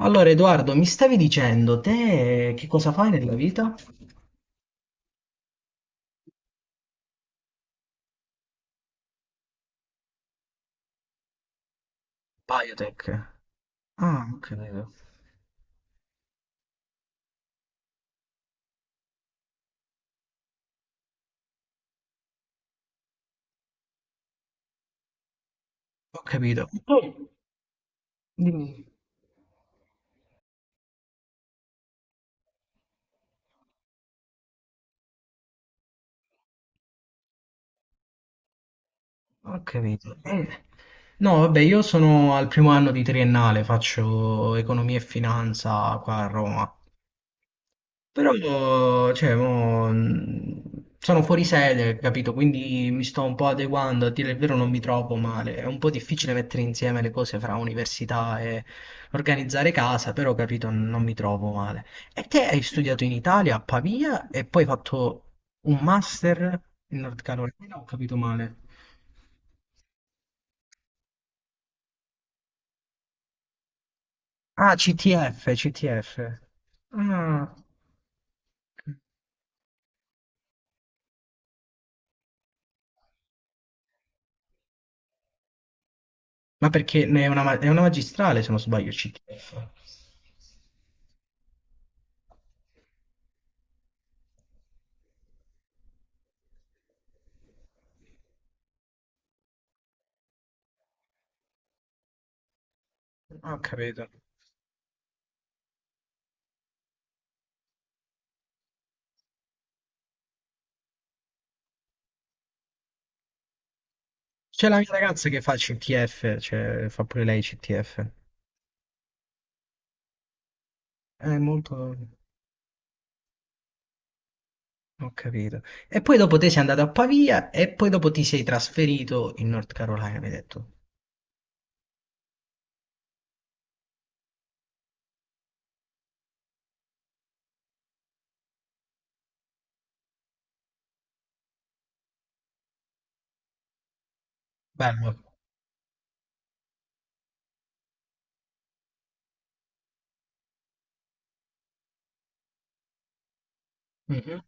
Allora, Edoardo, mi stavi dicendo, te che cosa fai nella vita? Biotech. Ah, ho capito. Ho capito. Tu? Dimmi. Ho capito. No, vabbè, io sono al 1º anno di triennale, faccio economia e finanza qua a Roma. Però, mo, cioè, mo, sono fuori sede, capito? Quindi mi sto un po' adeguando, a dire il vero non mi trovo male. È un po' difficile mettere insieme le cose fra università e organizzare casa, però, capito, non mi trovo male. E te hai studiato in Italia, a Pavia, e poi hai fatto un master in North Carolina, ho capito male. Ah, CTF, CTF. Ah, ma perché ne è una, è una magistrale, se non sbaglio, CTF. Ah, ho capito. C'è la mia ragazza che fa CTF, cioè fa pure lei CTF. È molto... Ho capito. E poi dopo te sei andato a Pavia e poi dopo ti sei trasferito in North Carolina, mi hai detto. Bello. Mhm.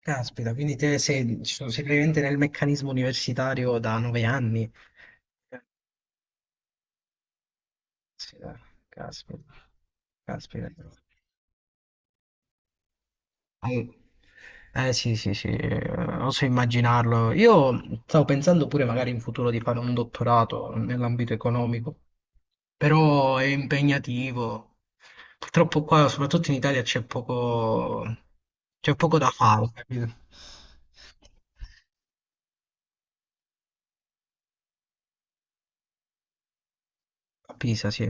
Caspita, quindi cioè, sei praticamente nel meccanismo universitario da 9 anni. Caspita, caspita, caspita. Eh, sì, sì, sì, oso immaginarlo. Io stavo pensando pure magari in futuro di fare un dottorato nell'ambito economico, però è impegnativo. Purtroppo qua, soprattutto in Italia, c'è poco da fare, capito? A Pisa, sì.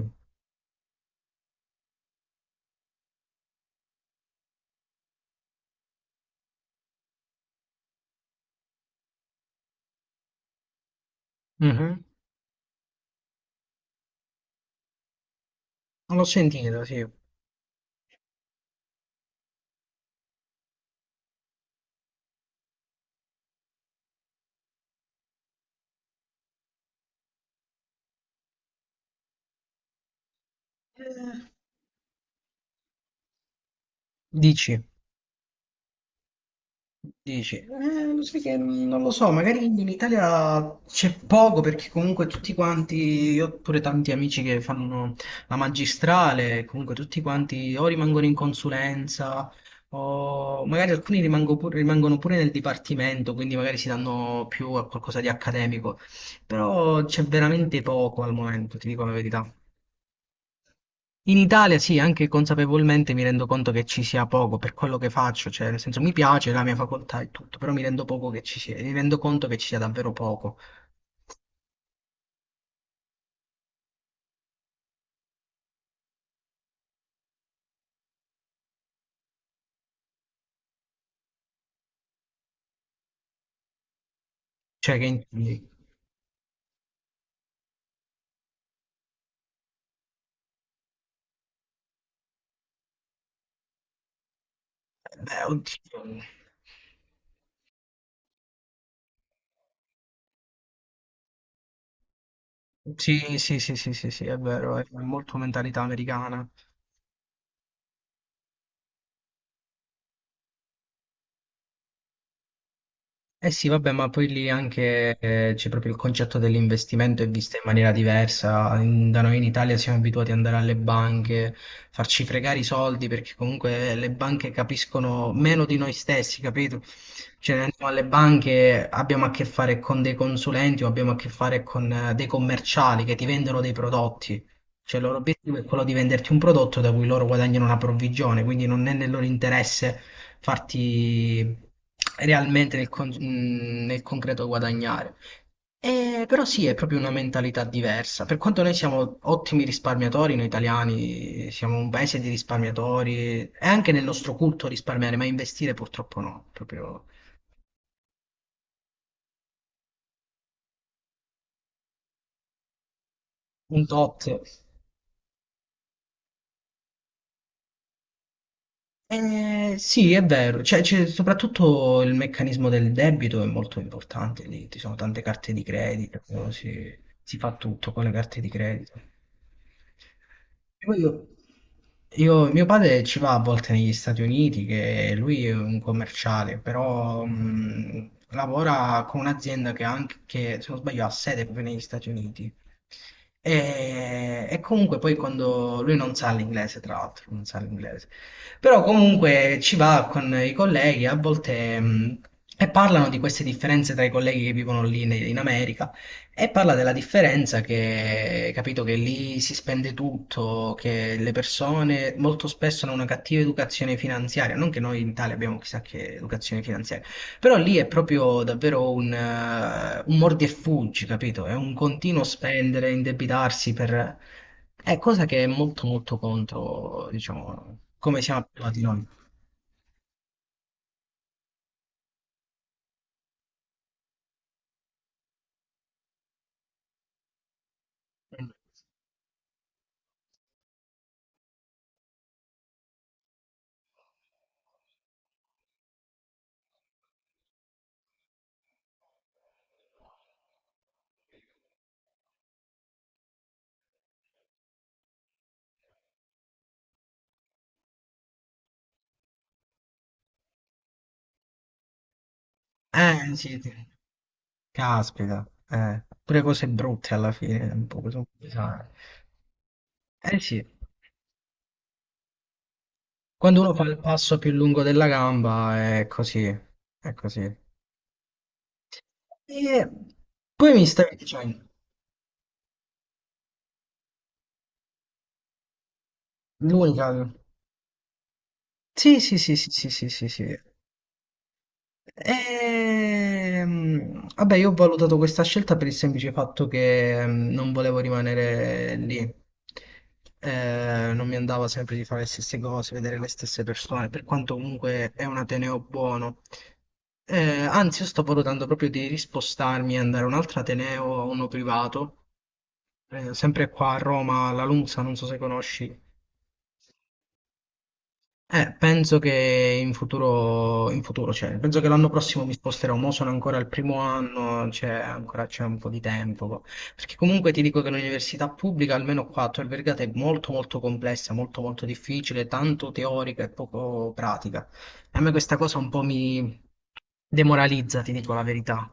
Mhm. L'ho sentito, sì. Eh, Dici? Dici, lo sai che non lo so, magari in Italia c'è poco perché comunque tutti quanti, io ho pure tanti amici che fanno la magistrale, comunque tutti quanti o rimangono in consulenza o magari alcuni rimangono pure nel dipartimento, quindi magari si danno più a qualcosa di accademico, però c'è veramente poco al momento, ti dico la verità. In Italia sì, anche consapevolmente mi rendo conto che ci sia poco per quello che faccio, cioè nel senso mi piace la mia facoltà e tutto, però mi rendo poco che ci sia, mi rendo conto che ci sia davvero poco, cioè che... in- Beh, oddio. Sì, sì, sì, sì, sì, sì, è vero, è molto mentalità americana. Eh sì, vabbè, ma poi lì anche c'è proprio il concetto dell'investimento è visto in maniera diversa. Da noi in Italia siamo abituati ad andare alle banche, farci fregare i soldi perché comunque le banche capiscono meno di noi stessi, capito? Cioè, noi andiamo alle banche, abbiamo a che fare con dei consulenti o abbiamo a che fare con dei commerciali che ti vendono dei prodotti. Cioè, il loro obiettivo è quello di venderti un prodotto da cui loro guadagnano una provvigione, quindi non è nel loro interesse farti realmente nel, nel concreto guadagnare. Però sì, è proprio una mentalità diversa. Per quanto noi siamo ottimi risparmiatori, noi italiani siamo un paese di risparmiatori, è anche nel nostro culto risparmiare, ma investire purtroppo no, è proprio un tot. Sì, è vero, cioè, c'è soprattutto il meccanismo del debito è molto importante lì, ci sono tante carte di credito, si, si fa tutto con le carte di credito. E poi mio padre ci va a volte negli Stati Uniti, che lui è un commerciale, però lavora con un'azienda che, ha anche, che, se non sbaglio, ha sede proprio negli Stati Uniti. E comunque poi quando lui non sa l'inglese, tra l'altro, non sa l'inglese. Però comunque ci va con i colleghi a volte e parlano di queste differenze tra i colleghi che vivono lì in America e parla della differenza che, capito, che lì si spende tutto, che le persone molto spesso hanno una cattiva educazione finanziaria, non che noi in Italia abbiamo chissà che educazione finanziaria. Però lì è proprio davvero un mordi e fuggi, capito? È un continuo spendere, indebitarsi per... È cosa che è molto molto contro, diciamo, come siamo abituati noi. Sì, sì. Caspita. Pure cose brutte alla fine, un po' sono pesanti. Eh sì, quando uno fa il passo più lungo della gamba è così, è così. E poi mi stavi dicendo, l'unica... Sì, sì, sì, sì, sì, sì, sì, sì. Vabbè, io ho valutato questa scelta per il semplice fatto che non volevo rimanere lì. Non mi andava sempre di fare le stesse cose, vedere le stesse persone, per quanto comunque è un ateneo buono. Anzi, io sto valutando proprio di rispostarmi e andare a un altro ateneo, a uno privato, sempre qua a Roma, alla Lunza, non so se conosci. Penso che in futuro, cioè, penso che l'anno prossimo mi sposterò, mo sono ancora al primo anno, cioè, ancora c'è un po' di tempo, perché comunque ti dico che l'università pubblica, almeno qua a Tor Vergata, è molto molto complessa, molto molto difficile, tanto teorica e poco pratica. E a me questa cosa un po' mi demoralizza, ti dico la verità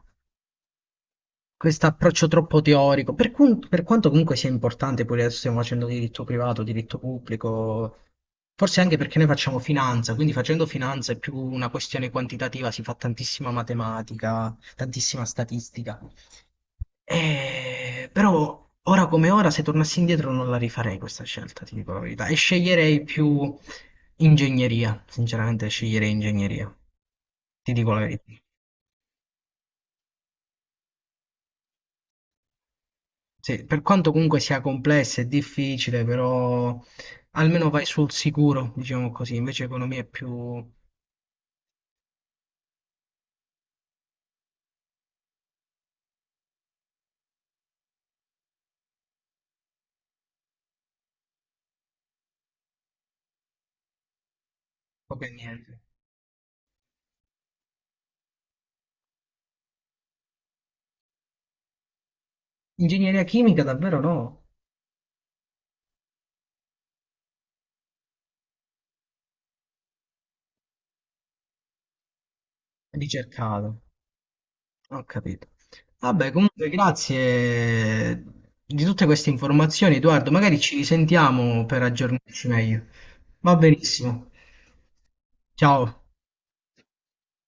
questo approccio troppo teorico, per quanto comunque sia importante, poi adesso stiamo facendo diritto privato, diritto pubblico, forse anche perché noi facciamo finanza, quindi facendo finanza è più una questione quantitativa, si fa tantissima matematica, tantissima statistica. Però ora come ora, se tornassi indietro non la rifarei questa scelta, ti dico la verità, e sceglierei più ingegneria, sinceramente sceglierei ingegneria, ti dico la verità. Sì, per quanto comunque sia complessa e difficile, però almeno vai sul sicuro, diciamo così, invece economia è più poco e niente. Ingegneria chimica davvero no, ricercato, ho capito. Vabbè, comunque grazie di tutte queste informazioni, Edoardo, magari ci risentiamo per aggiornarci meglio. Va benissimo. Ciao.